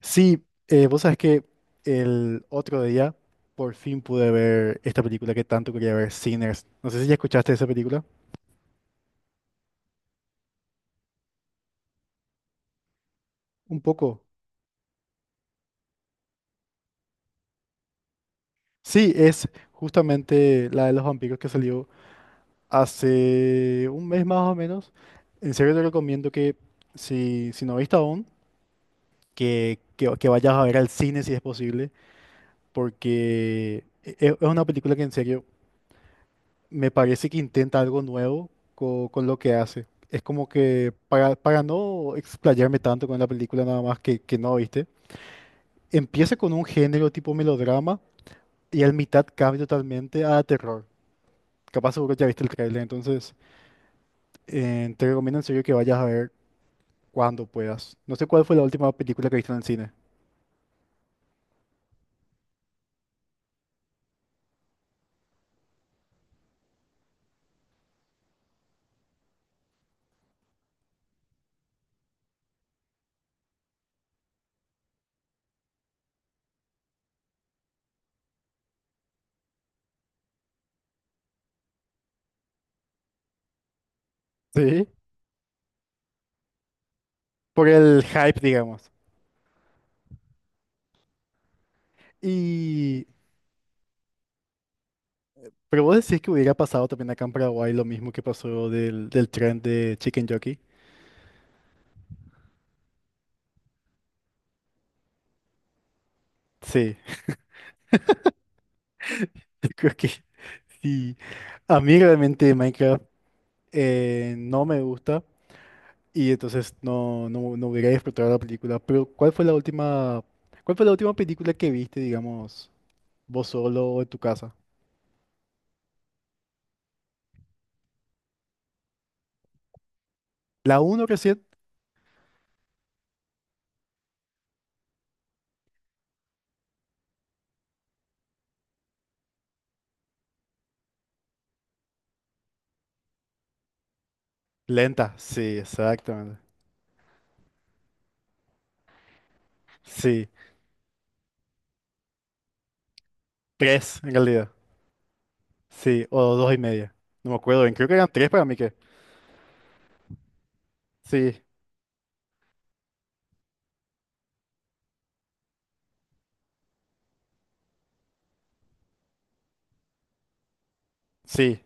Sí, vos sabés que el otro día por fin pude ver esta película que tanto quería ver, Sinners. No sé si ya escuchaste esa película. Un poco. Sí, es justamente la de los vampiros que salió hace 1 mes más o menos. En serio te recomiendo que si no viste aún, que vayas a ver al cine si es posible, porque es una película que en serio me parece que intenta algo nuevo con lo que hace. Es como que para no explayarme tanto con la película nada más que no, ¿viste? Empieza con un género tipo melodrama y al mitad cambia totalmente a terror. Capaz seguro ya viste el tráiler, entonces te recomiendo en serio que vayas a ver cuando puedas. No sé cuál fue la última película que viste en el cine. Sí. Por el hype, digamos. Y... Pero vos decís que hubiera pasado también acá en Paraguay lo mismo que pasó del tren de Chicken Jockey. Sí. Yo creo que sí. A mí realmente Minecraft no me gusta y entonces no hubiera disfrutado la película. Pero ¿cuál fue la última, cuál fue la última película que viste, digamos, vos solo o en tu casa? ¿La uno recién? Lenta, sí, exactamente. Sí, tres en realidad. Sí, o dos y media. No me acuerdo bien, creo que eran tres para mí que. Sí, sí,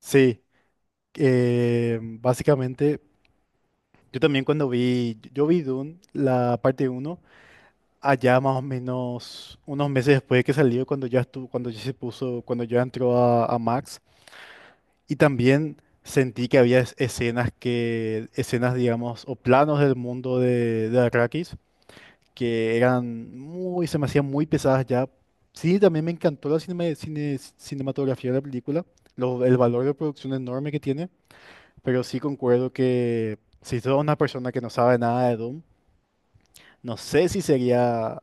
sí. Básicamente, yo también cuando vi, yo vi Dune, la parte 1 allá más o menos unos meses después de que salió, cuando ya estuvo, cuando ya se puso, cuando ya entró a Max. Y también sentí que había escenas que, escenas, digamos, o planos del mundo de Arrakis que eran muy, se me hacían muy pesadas ya. Sí, también me encantó la cinematografía de la película, el valor de producción enorme que tiene, pero sí concuerdo que si sos una persona que no sabe nada de Doom, no sé si sería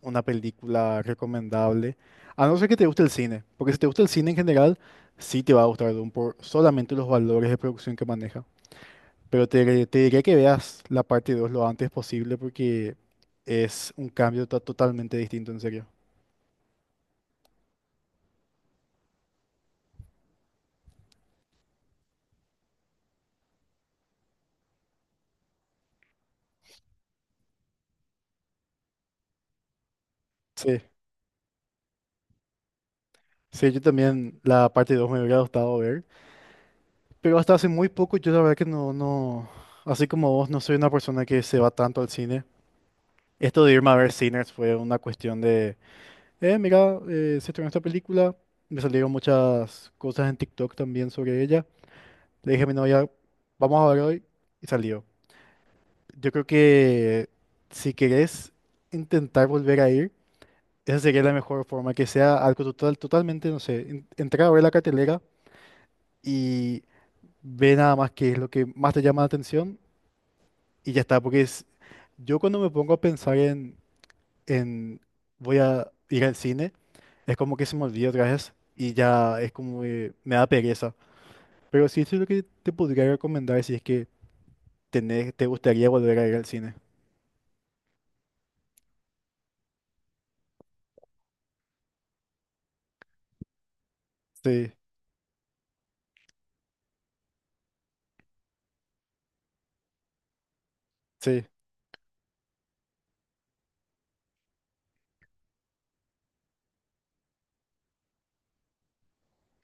una película recomendable, a no ser que te guste el cine, porque si te gusta el cine en general, sí te va a gustar Dune por solamente los valores de producción que maneja. Pero te diría que veas la parte 2 lo antes posible porque es un cambio totalmente distinto, en serio. Sí, sí, yo también la parte 2 me hubiera gustado ver, pero hasta hace muy poco yo la verdad que así como vos, no soy una persona que se va tanto al cine. Esto de irme a ver Sinners fue una cuestión. Mira, se estrenó esta película, me salieron muchas cosas en TikTok también sobre ella. Le dije a mi novia, vamos a ver hoy, y salió. Yo creo que si querés intentar volver a ir, esa sería la mejor forma, que sea algo total, totalmente, no sé, entrar a ver la cartelera y ve nada más qué es lo que más te llama la atención y ya está, porque es, yo cuando me pongo a pensar en en, voy a ir al cine, es como que se me olvida otra vez y ya es como que me da pereza. Pero sí, eso es lo que te podría recomendar si es que tenés, te gustaría volver a ir al cine. Sí, sí.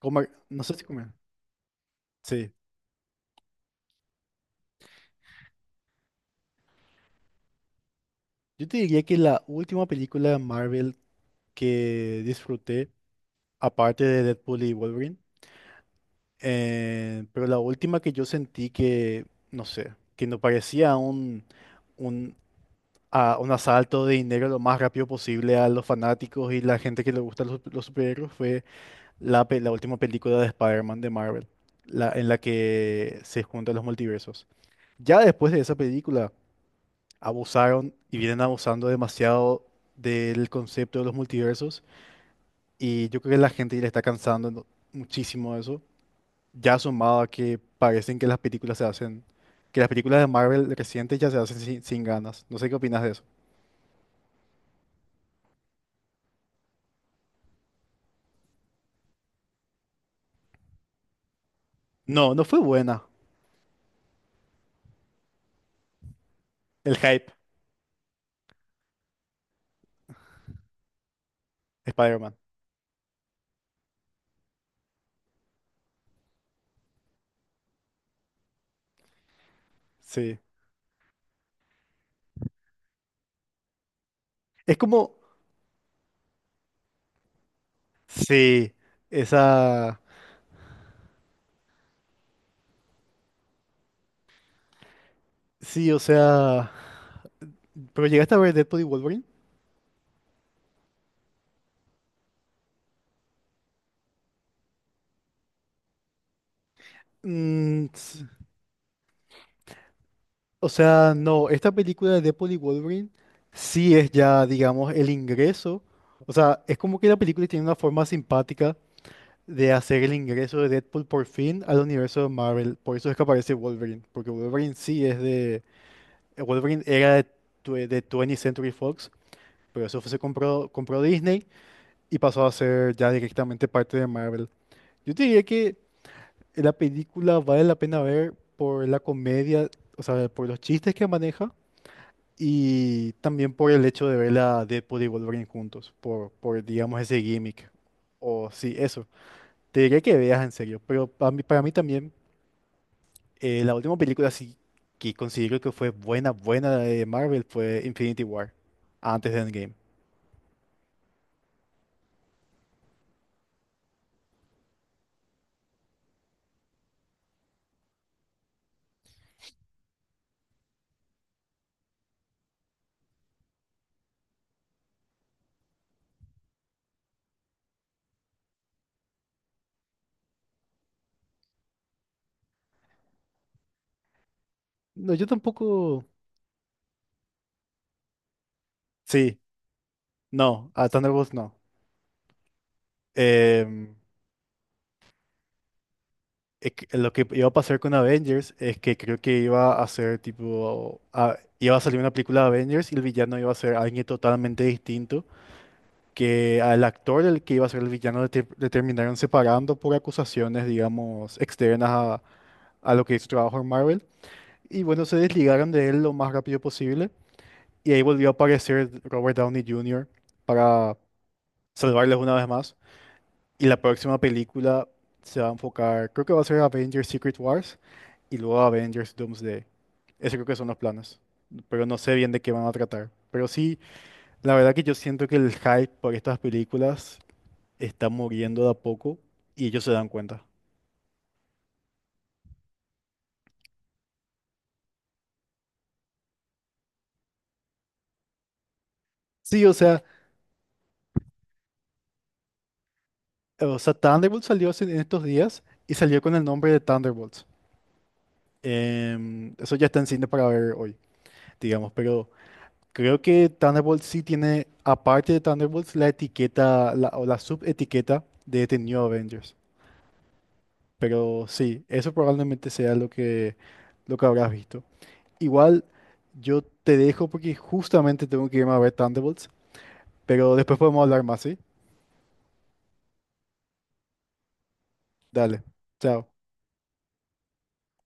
Comer, no sé si comer. Sí. Yo te diría que la última película de Marvel que disfruté, aparte de Deadpool y Wolverine, pero la última que yo sentí que, no sé, que no parecía un a un asalto de dinero lo más rápido posible a los fanáticos y la gente que le gusta los superhéroes fue la última película de Spider-Man de Marvel, la, en la que se juntan los multiversos. Ya después de esa película, abusaron y vienen abusando demasiado del concepto de los multiversos y yo creo que la gente ya le está cansando, ¿no? Muchísimo de eso, ya sumado a que parecen que las películas se hacen, que las películas de Marvel recientes ya se hacen sin ganas. No sé qué opinas de eso. No, no fue buena. El hype, Spider-Man. Sí. Es como. Sí. Esa. Sí, o sea. Pero llegaste a ver Deadpool y Wolverine. Mm, s- o sea, no. Esta película de Deadpool y Wolverine sí es ya, digamos, el ingreso. O sea, es como que la película tiene una forma simpática de hacer el ingreso de Deadpool por fin al universo de Marvel. Por eso es que aparece Wolverine. Porque Wolverine sí es de. Wolverine era de 20 Century Fox. Pero se compró, compró Disney, y pasó a ser ya directamente parte de Marvel. Yo te diría que la película vale la pena ver por la comedia, o sea, por los chistes que maneja y también por el hecho de ver a Deadpool y Wolverine juntos, por digamos, ese gimmick. O sí, eso. Te diría que veas en serio, pero para mí también la última película sí que considero que fue buena, buena de Marvel fue Infinity War, antes de Endgame. No, yo tampoco... Sí, no, a Thunderbolts no. Em, lo que iba a pasar con Avengers es que creo que iba a ser tipo, iba a salir una película de Avengers y el villano iba a ser alguien totalmente distinto, que al actor el que iba a ser el villano le, le terminaron separando por acusaciones, digamos, externas a lo que es su trabajo en Marvel. Y bueno, se desligaron de él lo más rápido posible y ahí volvió a aparecer Robert Downey Jr. para salvarles una vez más. Y la próxima película se va a enfocar, creo que va a ser Avengers Secret Wars y luego Avengers Doomsday. Esos creo que son los planes. Pero no sé bien de qué van a tratar. Pero sí, la verdad que yo siento que el hype por estas películas está muriendo de a poco y ellos se dan cuenta. Sí, o sea, Thunderbolts salió hace- en estos días y salió con el nombre de Thunderbolts. Eso ya está en cine para ver hoy, digamos, pero creo que Thunderbolts sí tiene, aparte de Thunderbolts, la etiqueta la, o la subetiqueta de The New Avengers. Pero sí, eso probablemente sea lo que habrás visto. Igual yo te dejo porque justamente tengo que irme a ver Thunderbolts, pero después podemos hablar más, ¿sí? Dale, chao.